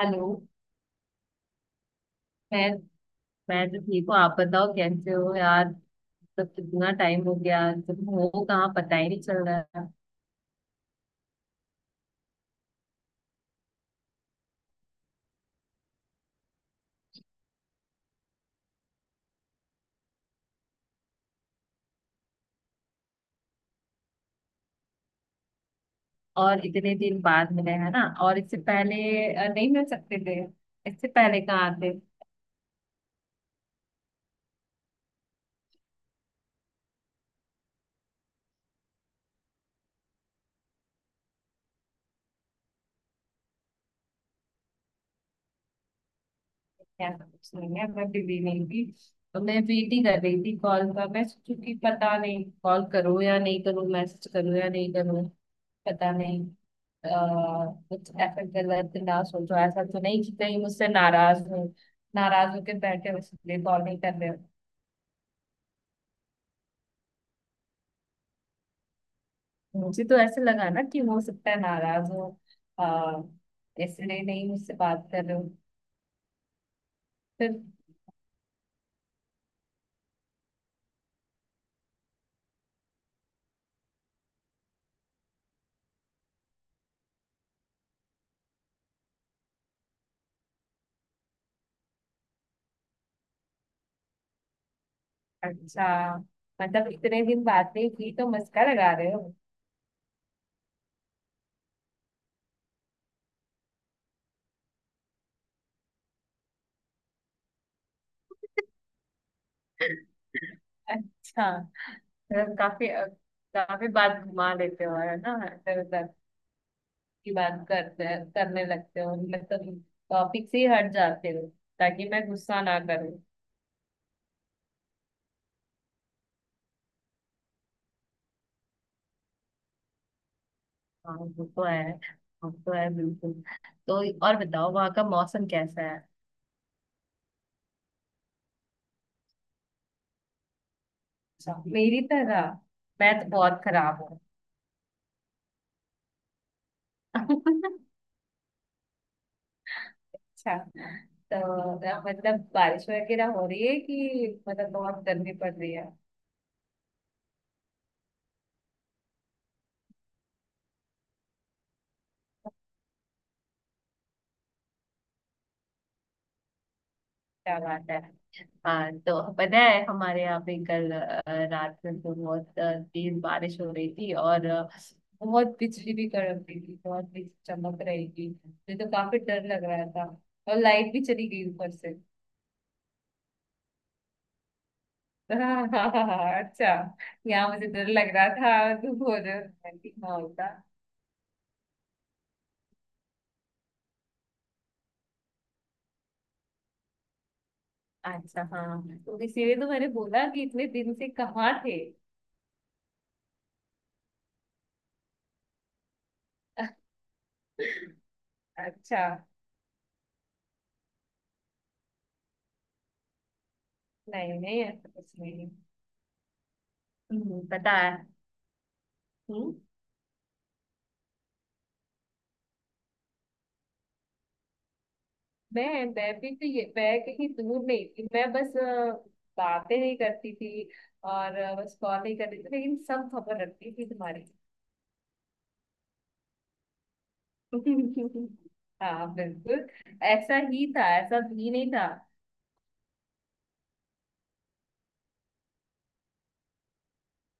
Hello. मैं मैं तो ठीक हूँ। आप बताओ कैसे हो यार। तब कितना टाइम हो गया। तुम हो कहाँ, पता ही नहीं चल रहा है। और इतने दिन बाद मिले है ना, और इससे पहले नहीं मिल सकते थे? इससे पहले कहाँ आते। ऐसा कुछ नहीं है, मैं बिजी नहीं थी। तो मैं वेट ही कर रही थी कॉल का। मैं सोचू कि पता नहीं कॉल करूँ या नहीं करूँ, मैसेज करूँ या नहीं करूँ। पता नहीं। कुछ ऐसा गलत ना सोचो। ऐसा तो नहीं कि कहीं मुझसे नाराज हो, नाराज होकर बैठे हो इसलिए कॉल नहीं कर रहे हो। मुझे तो ऐसे लगा ना कि हो सकता है नाराज हो, अह इसलिए नहीं मुझसे बात कर रहे हो। फिर। अच्छा, मतलब इतने दिन बात नहीं की तो मस्का लगा रहे हो। अच्छा, मतलब काफी काफी बात घुमा देते हो है ना, इधर उधर की बात करते करने लगते हो। मतलब टॉपिक से ही हट जाते हो ताकि मैं गुस्सा ना करूं। हाँ वो तो है, वो तो है बिल्कुल। तो और बताओ वहाँ का मौसम कैसा है। अच्छा, मेरी तरह। मैं तो बहुत खराब हूँ। अच्छा, तो मतलब बारिश वगैरह हो रही है कि मतलब बहुत गर्मी पड़ रही है। क्या बात है। हाँ तो पता है हमारे यहाँ पे कल रात में तो बहुत तेज बारिश हो रही थी, और बहुत बिजली भी कड़क रही थी, बहुत बिजली चमक रही थी, मुझे तो काफी डर लग रहा था। और लाइट भी चली गई ऊपर से। हाँ हाँ हाँ हाँ, अच्छा। यहाँ मुझे डर लग रहा था तू बोल रहे हो कि हाँ होता। अच्छा, हाँ तो इसीलिए तो मैंने बोला कि इतने दिन से कहाँ थे। अच्छा। नहीं नहीं ऐसा कुछ नहीं। पता है। हम्म। मैं भी तो ये, मैं कहीं दूर नहीं थी। मैं बस बातें नहीं करती थी। और बस कॉल नहीं करती थी, लेकिन सब खबर रखती थी तुम्हारी। हाँ बिल्कुल। ऐसा ही था, ऐसा भी नहीं था।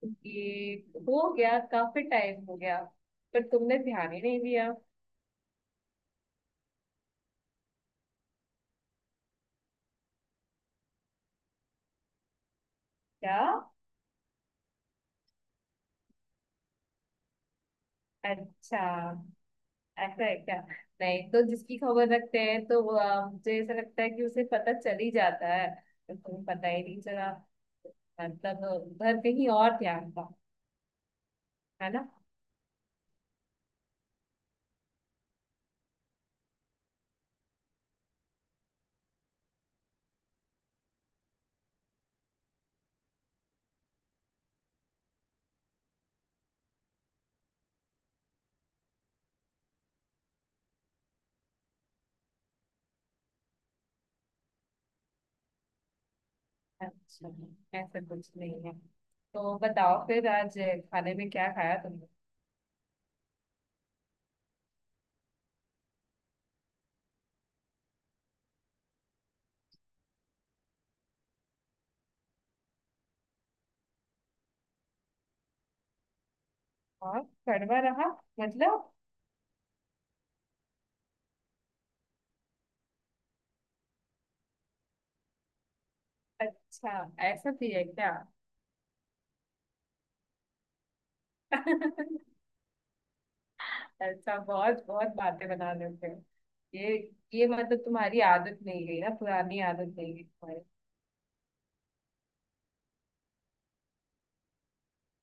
कि हो गया, काफी टाइम हो गया। पर तुमने ध्यान ही नहीं दिया। क्या। अच्छा, ऐसा है क्या। नहीं तो जिसकी खबर रखते हैं तो वो, मुझे ऐसा लगता है कि उसे पता चल ही जाता है। उसको पता ही नहीं चला, मतलब उधर कहीं और ध्यान था है ना। अच्छा, ऐसा कुछ नहीं है। तो बताओ फिर आज खाने में क्या खाया तुमने। और कड़वा रहा मतलब। अच्छा, ऐसा भी है क्या। अच्छा, बहुत बहुत बातें बना लेते हो। ये ये मतलब तुम्हारी आदत नहीं गई ना, पुरानी आदत नहीं गई।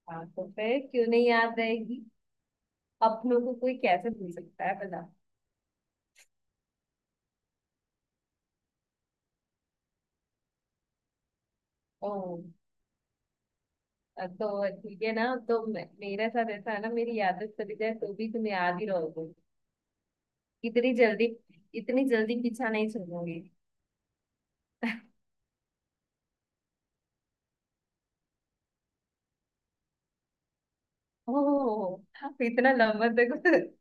हाँ तो फिर क्यों नहीं याद रहेगी। अपनों को कोई कैसे भूल सकता है बता। ओ, तो ठीक है ना, तो मेरे साथ ऐसा है ना, मेरी यादें चली जाए तो भी तुम याद ही रहोगे। इतनी जल्दी, इतनी जल्दी पीछा नहीं छोड़ोगे। ओह, तो इतना लंबा तक,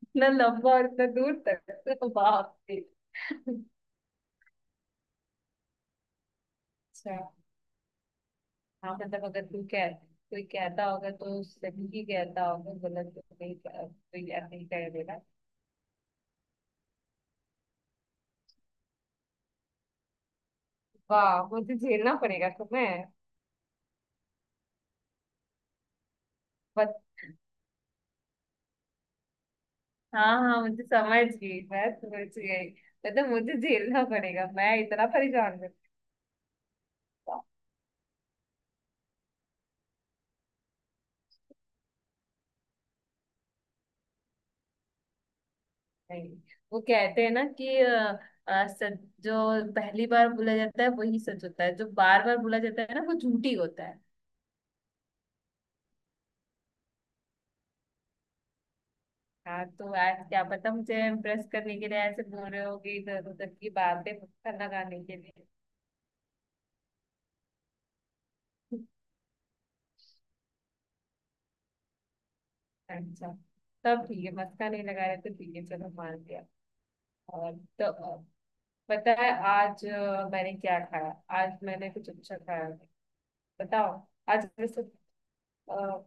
इतना लंबा और इतना दूर तक तो बाप रे। अच्छा। हाँ मतलब अगर तू कह, कोई कहता होगा तो सही ही कहता होगा, गलत तो नहीं कोई ऐसे ही कह देगा। वाह, मुझे झेलना पड़ेगा तुम्हें। हाँ हाँ, मुझे समझ गई, मैं समझ गई। मतलब मुझे झेलना पड़ेगा, मैं इतना परेशान करता। नहीं, वो कहते हैं ना कि सच जो पहली बार बोला जाता है वही सच होता है, जो बार बार बोला जाता है ना वो झूठी होता है। हाँ तो आज क्या पता मुझे इम्प्रेस करने के लिए ऐसे बोल रहे हो, कि इधर उधर की बातें मक्खन लगाने के लिए। अच्छा, तब ठीक है, मक्खन नहीं लगा रहे तो ठीक है, चलो मान लिया। और तो पता है आज मैंने क्या खाया। आज मैंने कुछ अच्छा खाया नहीं। बताओ। आज वैसे अ,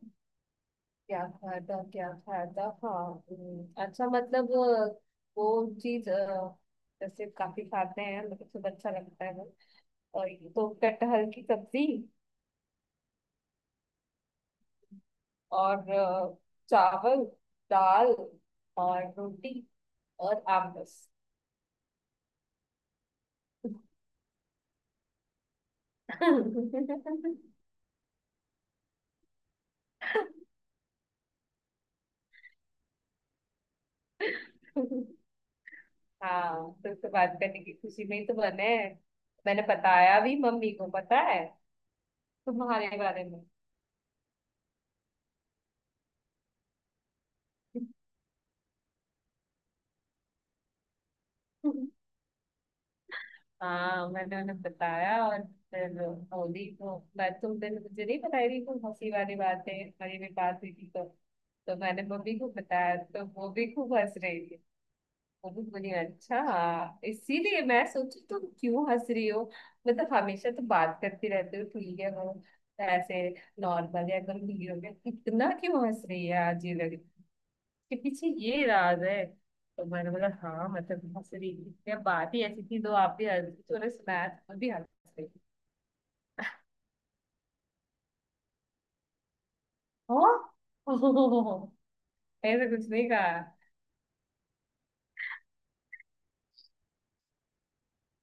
क्या खाया था, क्या खाया था, हाँ। अच्छा मतलब वो चीज जैसे काफी खाते हैं, मतलब सब अच्छा लगता है वो। और ये तो कटहल की सब्जी, और चावल, दाल, और रोटी, और आम बस। हाँ तुमसे बात करने की खुशी में ही तो बने हैं। मैंने बताया भी मम्मी को, पता है, तुम्हारे बारे में। हाँ मैंने उन्हें बताया, और फिर बोली को मैं तुम दिन मुझे नहीं बताई थी, तुम हंसी वाली बातें हमारी भी बात हुई थी तो। तो मैंने मम्मी को बताया तो वो भी खूब हंस रही थी। बहुत बढ़िया। अच्छा, इसीलिए मैं सोची तुम क्यों हंस रही हो। मतलब हमेशा तो बात करती रहते हो ठीक है वो, ऐसे नॉर्मल, या गंभीर हो गया इतना क्यों हंस रही है आज, ये लग के पीछे ये राज है। तो मैंने बोला हाँ, मतलब हंस रही थी या बात ही ऐसी थी, तो आप भी हंस रही थी, उन्हें सुनाया तो मैं भी हंस रही थी। हाँ? ऐसा कुछ नहीं कहा।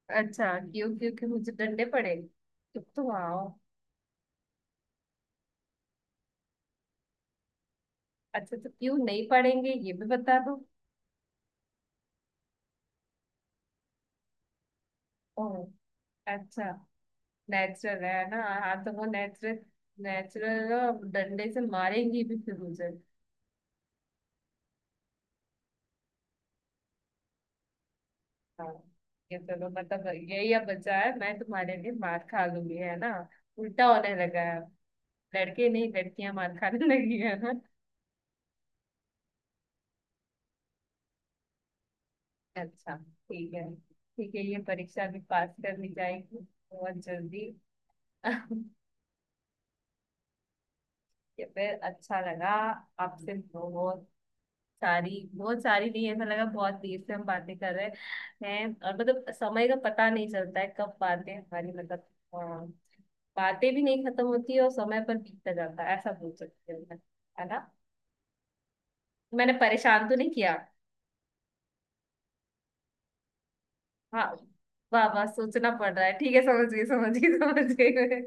अच्छा, क्यों क्यों क्यों, मुझे डंडे पड़े। तुम तो आओ। अच्छा, तो क्यों नहीं पढ़ेंगे ये भी बता दो। ओह, अच्छा, नेचुरल है ना, हाँ तो वो नेचुरल, नेचुरल डंडे से मारेंगी भी फिर मुझे। हाँ, ये चलो मतलब यही अब बचा है, मैं तुम्हारे लिए मार खा लूंगी है ना। उल्टा होने लगा है अब। लड़के नहीं, लड़कियां मार खाने लगी है ना। अच्छा ठीक है ठीक है, ये परीक्षा भी पास कर ली जाएगी, बहुत जल्दी। ये फिर अच्छा लगा। आपसे बहुत सारी, बहुत सारी नहीं, ऐसा लगा बहुत देर से हम बातें कर रहे हैं, और मतलब समय का पता नहीं चलता है कब बातें हमारी मतलब, अ, बातें भी नहीं खत्म होती और समय पर बीतता जाता है, ऐसा बोल सकते हैं मैं, है ना। मैंने परेशान तो नहीं किया। हाँ, वाह वाह, सोचना पड़ रहा है। ठीक है, समझ गई समझ गई समझ गई मैं।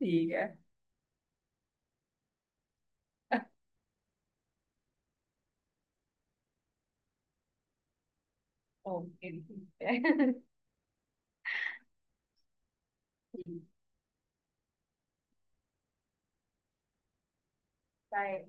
ठीक है। ओके ठीक है। बाय।